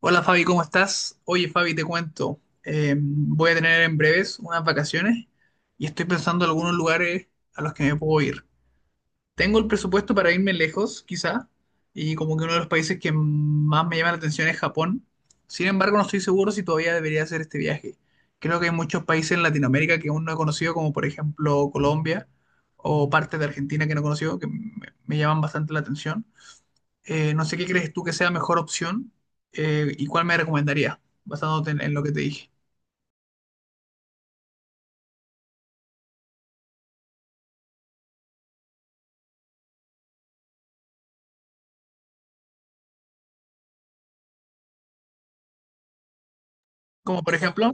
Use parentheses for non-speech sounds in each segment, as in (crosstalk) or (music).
Hola Fabi, ¿cómo estás? Oye Fabi, te cuento, voy a tener en breves unas vacaciones y estoy pensando en algunos lugares a los que me puedo ir. Tengo el presupuesto para irme lejos, quizá, y como que uno de los países que más me llama la atención es Japón. Sin embargo, no estoy seguro si todavía debería hacer este viaje. Creo que hay muchos países en Latinoamérica que aún no he conocido, como por ejemplo Colombia o partes de Argentina que no he conocido, que me llaman bastante la atención. No sé qué crees tú que sea mejor opción, y cuál me recomendarías, basándote en lo que te dije. Como por ejemplo,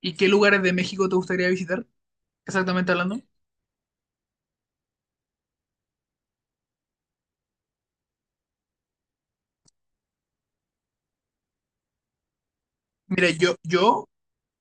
¿y qué lugares de México te gustaría visitar? Exactamente hablando. Mira, yo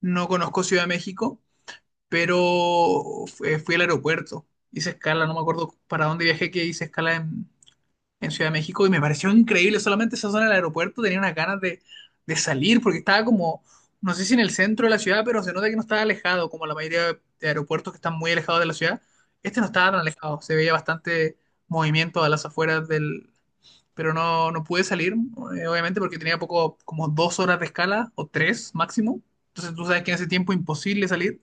no conozco Ciudad de México, pero fui al aeropuerto. Hice escala, no me acuerdo para dónde viajé, que hice escala en Ciudad de México y me pareció increíble. Solamente esa zona del aeropuerto tenía unas ganas de salir porque estaba como, no sé si en el centro de la ciudad, pero se nota que no estaba alejado, como la mayoría de aeropuertos que están muy alejados de la ciudad. Este no estaba tan alejado, se veía bastante movimiento a las afueras del. Pero no, no pude salir, obviamente, porque tenía poco, como 2 horas de escala o tres máximo. Entonces tú sabes que en ese tiempo imposible salir,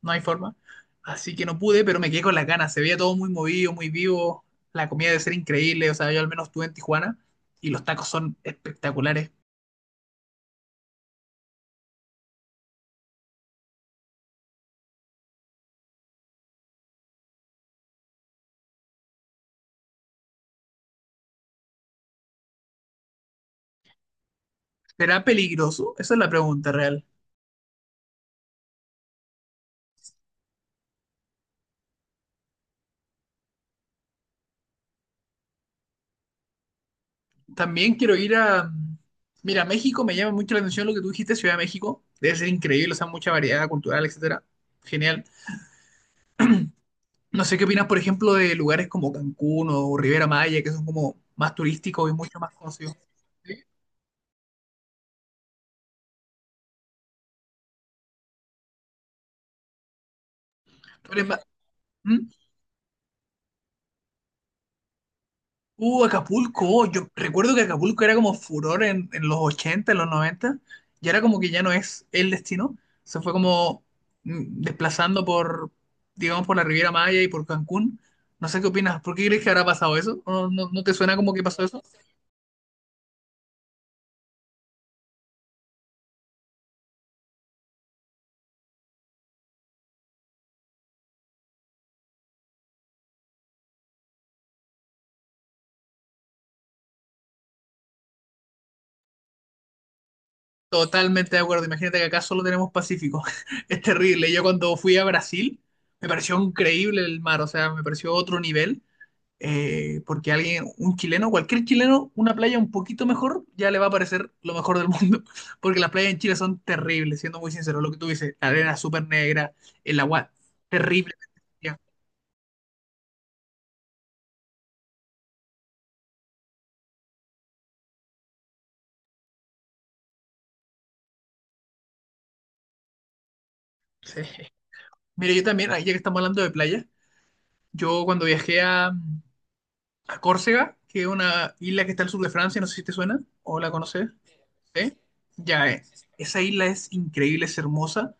no hay forma. Así que no pude, pero me quedé con las ganas. Se veía todo muy movido, muy vivo. La comida debe ser increíble. O sea, yo al menos estuve en Tijuana y los tacos son espectaculares. ¿Será peligroso? Esa es la pregunta real. También quiero ir a. Mira, México me llama mucho la atención lo que tú dijiste, Ciudad de México. Debe ser increíble, o sea, mucha variedad cultural, etcétera. Genial. No sé qué opinas, por ejemplo, de lugares como Cancún o Riviera Maya, que son como más turísticos y mucho más conocidos. ¿Sí? ¿Tú eres más-? ¿Mm? Acapulco, oh, yo recuerdo que Acapulco era como furor en los 80 en los 90 y ahora como que ya no es el destino, se fue como desplazando por, digamos, por la Riviera Maya y por Cancún. No sé qué opinas, ¿por qué crees que habrá pasado eso? ¿No, no, no te suena como que pasó eso? Totalmente de acuerdo, imagínate que acá solo tenemos Pacífico, (laughs) es terrible. Yo cuando fui a Brasil, me pareció increíble el mar, o sea, me pareció otro nivel, porque alguien, un chileno, cualquier chileno, una playa un poquito mejor, ya le va a parecer lo mejor del mundo. (laughs) Porque las playas en Chile son terribles, siendo muy sincero, lo que tú dices, la arena súper negra, el agua terrible. Ya, sí. Mira, yo también, ahí ya que estamos hablando de playa, yo cuando viajé a Córcega, que es una isla que está al sur de Francia, no sé si te suena o la conoces. ¿Sí? Ya, esa isla es increíble, es hermosa.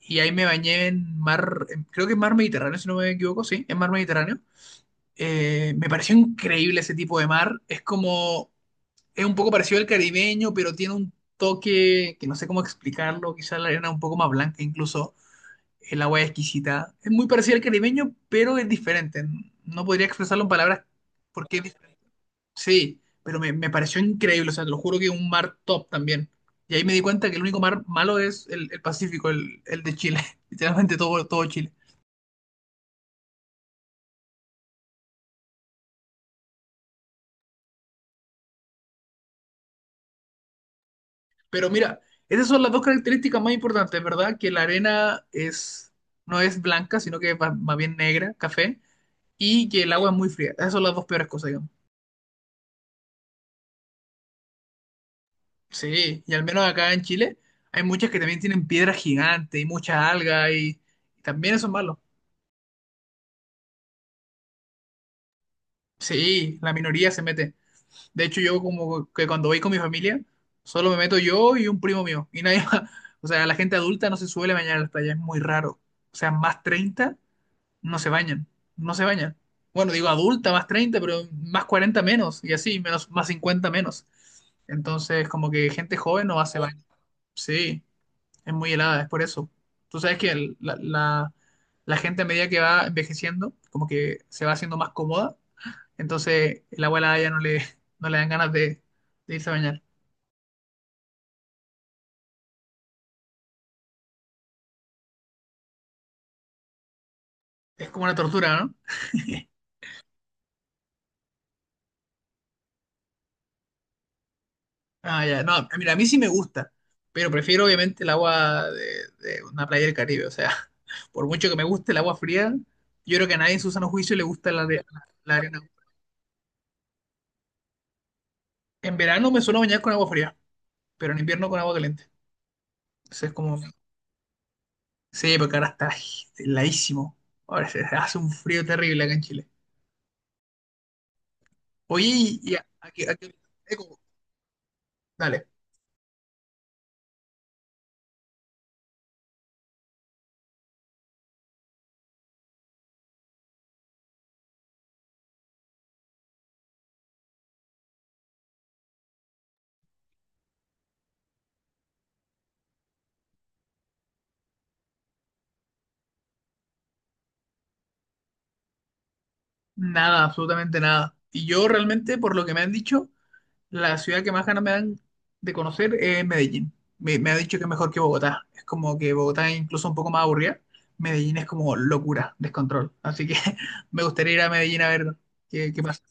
Y ahí me bañé en mar, creo que es mar Mediterráneo, si no me equivoco, sí, en mar Mediterráneo. Me pareció increíble ese tipo de mar. Es como, es un poco parecido al caribeño, pero tiene un toque que no sé cómo explicarlo. Quizás la arena un poco más blanca incluso. El agua es exquisita. Es muy parecido al caribeño, pero es diferente. No podría expresarlo en palabras porque es diferente. Sí, pero me pareció increíble. O sea, te lo juro que un mar top también. Y ahí me di cuenta que el único mar malo es el Pacífico, el de Chile. (laughs) Literalmente todo, todo Chile. Pero mira, esas son las dos características más importantes, ¿verdad? Que la arena es, no es blanca, sino que es más bien negra, café, y que el agua es muy fría. Esas son las dos peores cosas, digamos. Sí, y al menos acá en Chile hay muchas que también tienen piedras gigantes y muchas algas y también eso es malo. Sí, la minoría se mete. De hecho, yo como que cuando voy con mi familia, solo me meto yo y un primo mío. Y nadie (laughs) más. O sea, la gente adulta no se suele bañar en las playas, es muy raro. O sea, más 30 no se bañan, no se bañan. Bueno, digo adulta más 30 pero más 40 menos, y así, menos, más 50 menos. Entonces, como que gente joven no hace, oh, baño. Sí, es muy helada, es por eso. Tú sabes que la gente a medida que va envejeciendo, como que se va haciendo más cómoda, entonces el abuela ya no le dan ganas de irse a bañar. Es como una tortura, ¿no? (laughs) Ah, ya, no, mira, a mí sí me gusta, pero prefiero obviamente el agua de una playa del Caribe, o sea, (laughs) por mucho que me guste el agua fría, yo creo que a nadie en su sano juicio le gusta la arena. En verano me suelo bañar con agua fría, pero en invierno con agua caliente. Entonces es como, sí, porque ahora está, ay, heladísimo, ahora se hace un frío terrible acá en Chile. Oye, y eco, dale, nada, absolutamente nada. Y yo realmente, por lo que me han dicho, la ciudad que más ganas me dan de conocer es Medellín. Me ha dicho que es mejor que Bogotá. Es como que Bogotá es incluso un poco más aburrida. Medellín es como locura, descontrol. Así que (laughs) me gustaría ir a Medellín a ver qué pasa.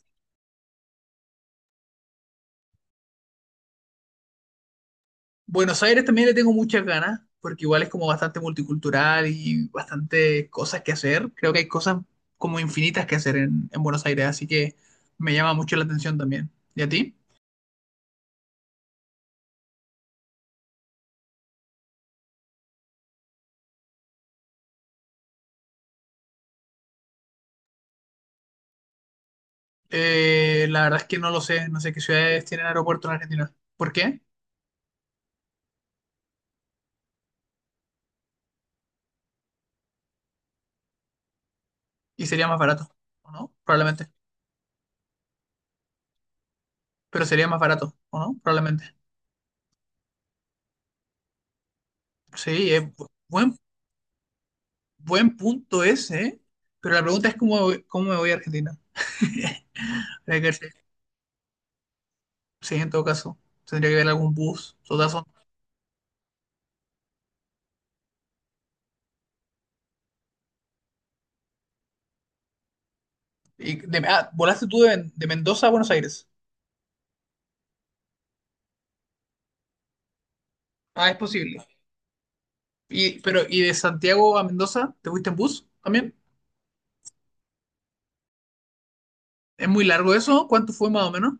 Buenos Aires también le tengo muchas ganas, porque igual es como bastante multicultural y bastante cosas que hacer. Creo que hay cosas como infinitas que hacer en Buenos Aires, así que me llama mucho la atención también. ¿Y a ti? La verdad es que no lo sé, no sé qué ciudades tienen aeropuerto en Argentina. ¿Por qué? Y sería más barato, ¿o no? Probablemente. Pero sería más barato, ¿o no? Probablemente. Sí, es buen punto ese, ¿eh? Pero la pregunta es cómo me voy a Argentina. (laughs) Habría que ver si en todo caso tendría que ver algún bus, totazo. Y volaste tú de Mendoza a Buenos Aires. Ah, es posible. Y, pero, ¿y de Santiago a Mendoza te fuiste en bus también? ¿Es muy largo eso? ¿Cuánto fue más o menos?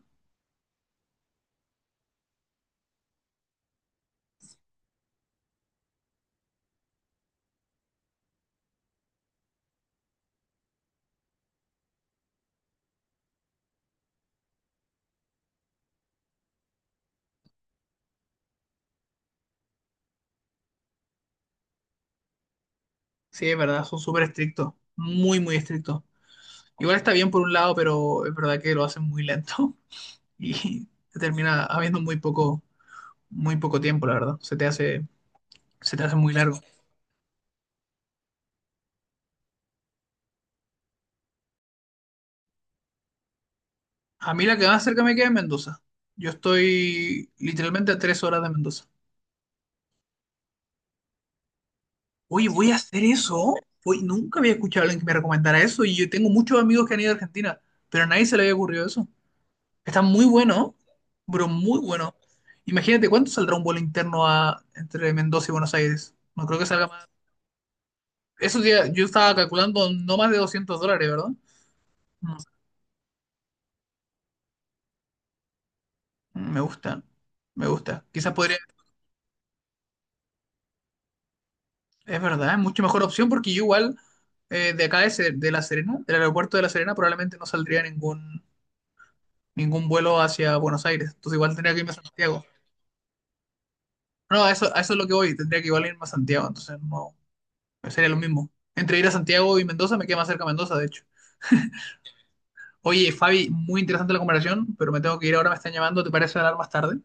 Sí, es verdad, son súper estrictos. Muy, muy estrictos. Igual está bien por un lado, pero es verdad que lo hacen muy lento. Y te termina habiendo muy poco tiempo, la verdad. Se te hace muy largo. A mí la que más cerca me queda es Mendoza. Yo estoy literalmente a 3 horas de Mendoza. Oye, voy a hacer eso. Oye, nunca había escuchado a alguien que me recomendara eso y yo tengo muchos amigos que han ido a Argentina, pero a nadie se le había ocurrido eso. Está muy bueno, bro, muy bueno. Imagínate cuánto saldrá un vuelo interno entre Mendoza y Buenos Aires. No creo que salga más. Eso ya, yo estaba calculando no más de 200 dólares, ¿verdad? Me gusta, me gusta. Quizás podría, es verdad, es mucho mejor opción porque yo igual, de acá de La Serena, del aeropuerto de La Serena, probablemente no saldría ningún vuelo hacia Buenos Aires. Entonces igual tendría que irme a Santiago. No, a eso, es lo que voy, tendría que igual irme a Santiago, entonces no, sería lo mismo. Entre ir a Santiago y Mendoza me queda más cerca Mendoza, de hecho. Oye, Fabi, muy interesante la comparación, pero me tengo que ir ahora, me están llamando, ¿te parece hablar más tarde?